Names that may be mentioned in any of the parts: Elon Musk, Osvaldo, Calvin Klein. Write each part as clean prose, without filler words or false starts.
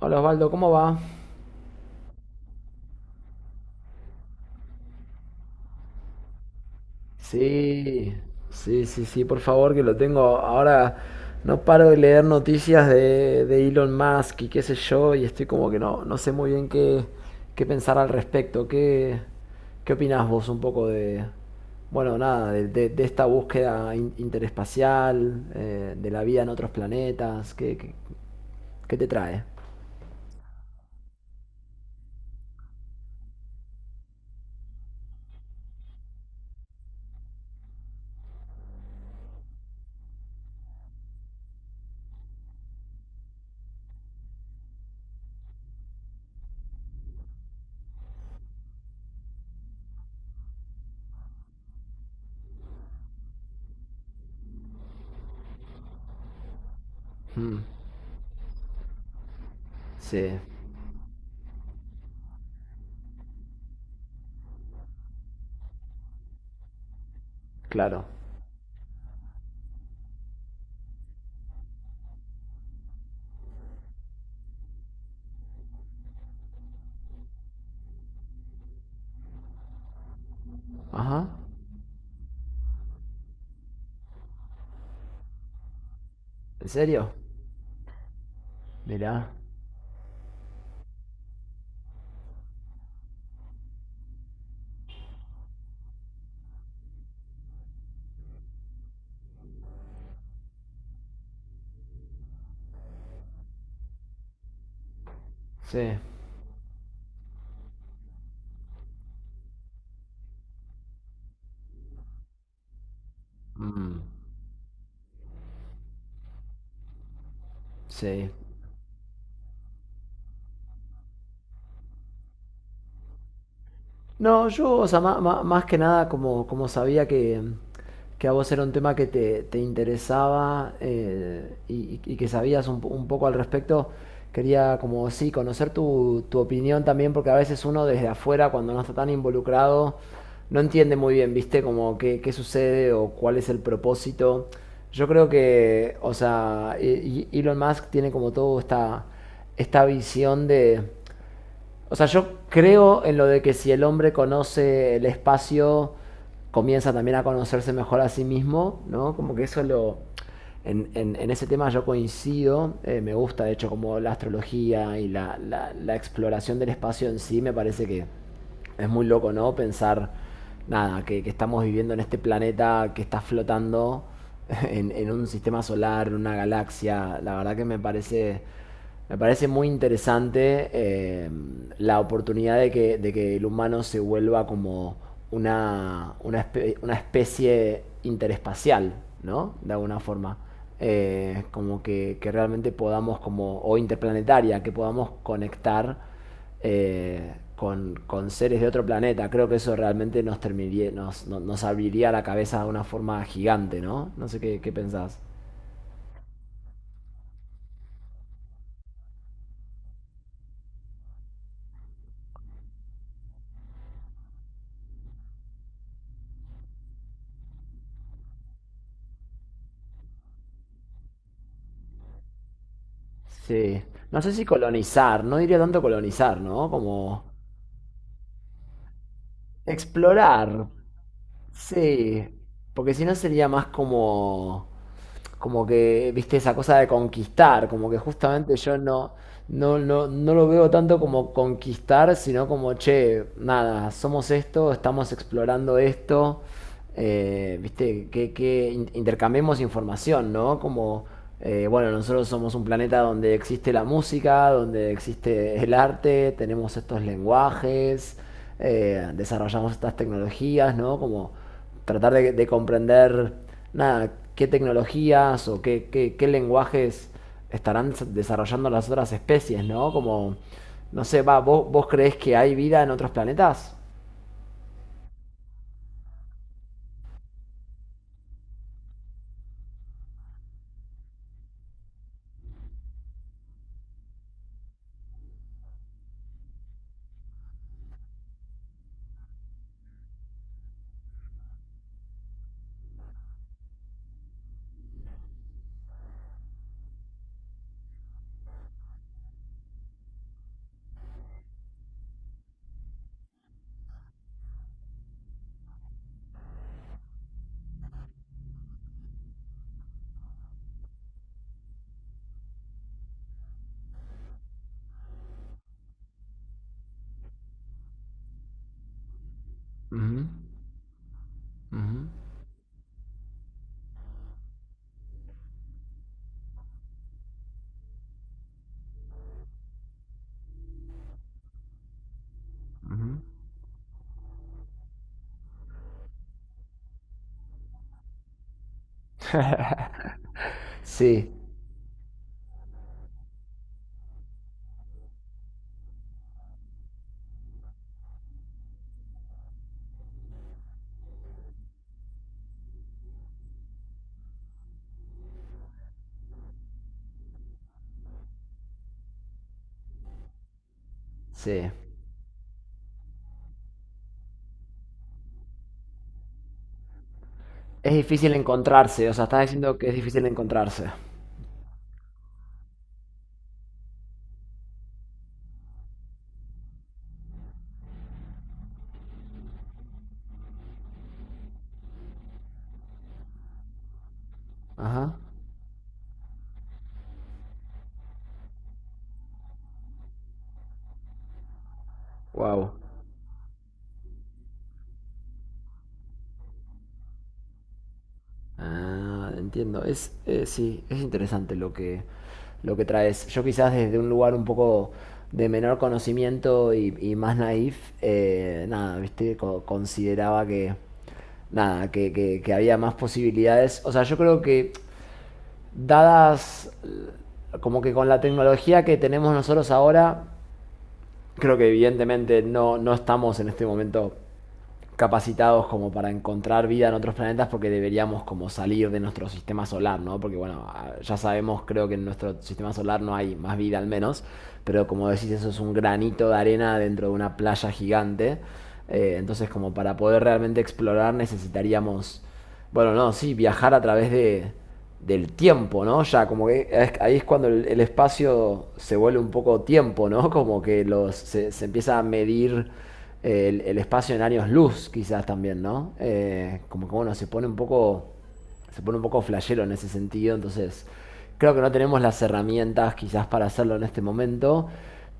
Hola Osvaldo, ¿cómo va? Sí, sí, sí, sí, por favor, que lo tengo. Ahora no paro de leer noticias de Elon Musk y qué sé yo, y estoy como que no sé muy bien qué pensar al respecto. ¿Qué opinás vos un poco de, bueno, nada, de esta búsqueda interespacial, de la vida en otros planetas? ¿Qué te trae? Mm, sí, claro. Ajá, ¿en serio? Mirá, sí. Mm, sí. No, yo, o sea, más, que nada, como sabía que a vos era un tema que te interesaba, y que sabías un poco al respecto, quería como sí, conocer tu opinión también, porque a veces uno desde afuera, cuando no está tan involucrado, no entiende muy bien, ¿viste? Como qué sucede o cuál es el propósito. Yo creo que, o sea, Elon Musk tiene como todo esta, esta visión de. O sea, yo creo en lo de que si el hombre conoce el espacio, comienza también a conocerse mejor a sí mismo, ¿no? Como que eso lo... en ese tema yo coincido, me gusta de hecho como la astrología y la exploración del espacio en sí, me parece que es muy loco, ¿no? Pensar, nada, que estamos viviendo en este planeta que está flotando en un sistema solar, en una galaxia, la verdad que me parece muy interesante, la oportunidad de que el humano se vuelva como una especie interespacial, ¿no? De alguna forma. Como que realmente podamos, como, o interplanetaria, que podamos conectar, con seres de otro planeta. Creo que eso realmente nos, terminaría, nos, no- nos abriría la cabeza de una forma gigante, ¿no? No sé qué pensás. Sí. No sé si colonizar, no diría tanto colonizar, ¿no? Como explorar. Sí. Porque si no sería más como que, viste, esa cosa de conquistar, como que justamente yo no lo veo tanto como conquistar, sino como, che, nada, somos esto, estamos explorando esto, viste, que intercambiemos información, ¿no? Como, bueno, nosotros somos un planeta donde existe la música, donde existe el arte, tenemos estos lenguajes, desarrollamos estas tecnologías, ¿no? Como tratar de comprender, nada, qué tecnologías o qué lenguajes estarán desarrollando las otras especies, ¿no? Como, no sé, va, ¿vos creés que hay vida en otros planetas? Ujú, ujú, ujú. Sí, sí. Es difícil encontrarse, o sea, estás diciendo que es difícil encontrarse. Ajá. Wow. Ah, entiendo. Es, sí, es interesante lo que traes. Yo quizás desde un lugar un poco de menor conocimiento y más naif, nada, viste, consideraba que, nada, que había más posibilidades. O sea, yo creo que dadas, como que con la tecnología que tenemos nosotros ahora, creo que evidentemente no estamos en este momento capacitados como para encontrar vida en otros planetas porque deberíamos como salir de nuestro sistema solar, ¿no? Porque bueno, ah, ya sabemos, creo que en nuestro sistema solar no hay más vida al menos, pero como decís, eso es un granito de arena dentro de una playa gigante. Entonces, como para poder realmente explorar necesitaríamos, bueno, no, sí, viajar a través del tiempo, ¿no? Ya como que ahí es cuando el espacio se vuelve un poco tiempo, ¿no? Como que se empieza a medir el espacio en años luz, quizás también, ¿no? Como que bueno, se pone un poco. Se pone un poco flashero en ese sentido. Entonces, creo que no tenemos las herramientas quizás para hacerlo en este momento.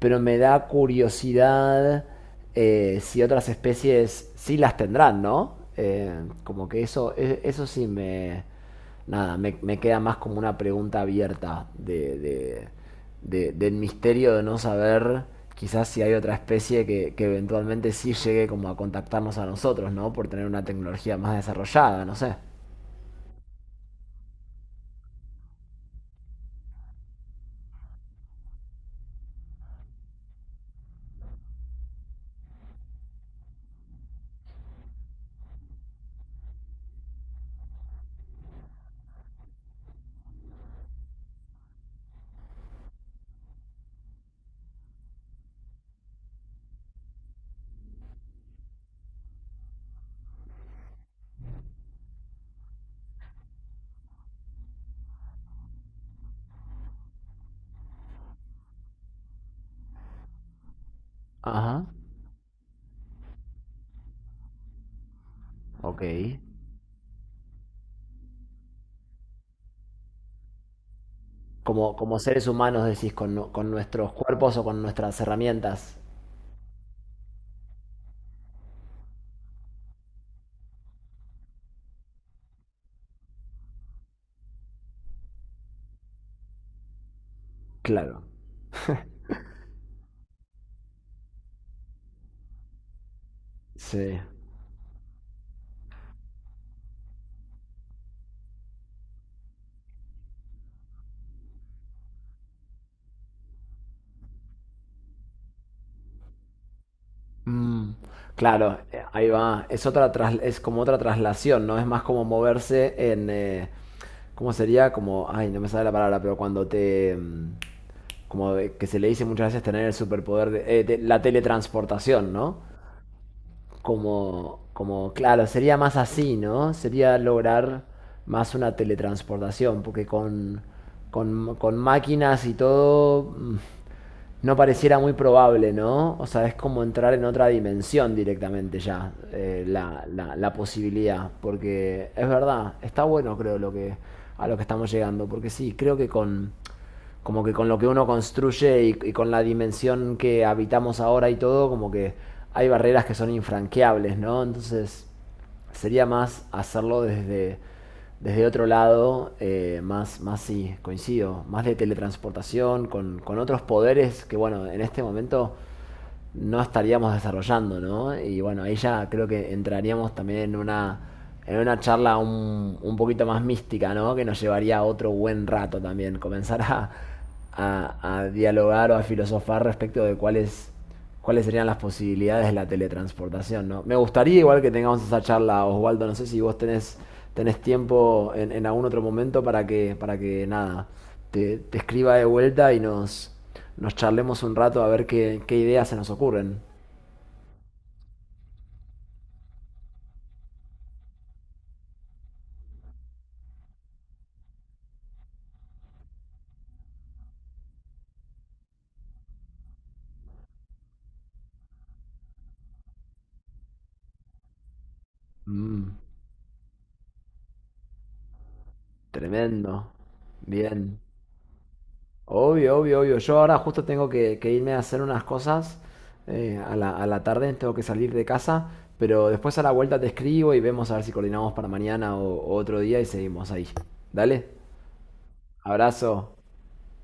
Pero me da curiosidad, si otras especies sí las tendrán, ¿no? Como que eso, eso sí me. Nada, me queda más como una pregunta abierta del misterio de no saber quizás si hay otra especie que eventualmente sí llegue como a contactarnos a nosotros, ¿no? Por tener una tecnología más desarrollada, no sé. Ajá, ok. Como, como seres humanos decís, con nuestros cuerpos o con nuestras herramientas. Claro, sí. Mm, claro, ahí va. Es otra es como otra traslación, ¿no? Es más como moverse en, ¿cómo sería? Como, ay, no me sale la palabra, pero cuando te... como que se le dice muchas veces tener el superpoder de... la teletransportación, ¿no? Como, claro, sería más así, ¿no? Sería lograr más una teletransportación, porque con máquinas y todo, no pareciera muy probable, ¿no? O sea, es como entrar en otra dimensión directamente ya, la posibilidad, porque es verdad, está bueno creo lo que, a lo que estamos llegando, porque sí, creo que con como que con lo que uno construye y con la dimensión que habitamos ahora y todo, como que hay barreras que son infranqueables, ¿no? Entonces sería más hacerlo desde otro lado, más, más sí, coincido, más de teletransportación, con otros poderes que, bueno, en este momento no estaríamos desarrollando, ¿no? Y bueno, ahí ya creo que entraríamos también en una charla un poquito más mística, ¿no? Que nos llevaría otro buen rato también, comenzar a, a dialogar o a filosofar respecto de cuáles cuáles serían las posibilidades de la teletransportación, ¿no? Me gustaría igual que tengamos esa charla, Osvaldo, no sé si vos tenés, tenés tiempo en algún otro momento para que nada, te escriba de vuelta y nos charlemos un rato a ver qué ideas se nos ocurren. Mm, tremendo. Bien. Obvio, obvio, obvio. Yo ahora justo tengo que irme a hacer unas cosas. A la a la tarde tengo que salir de casa. Pero después a la vuelta te escribo y vemos a ver si coordinamos para mañana o otro día y seguimos ahí. Dale. Abrazo.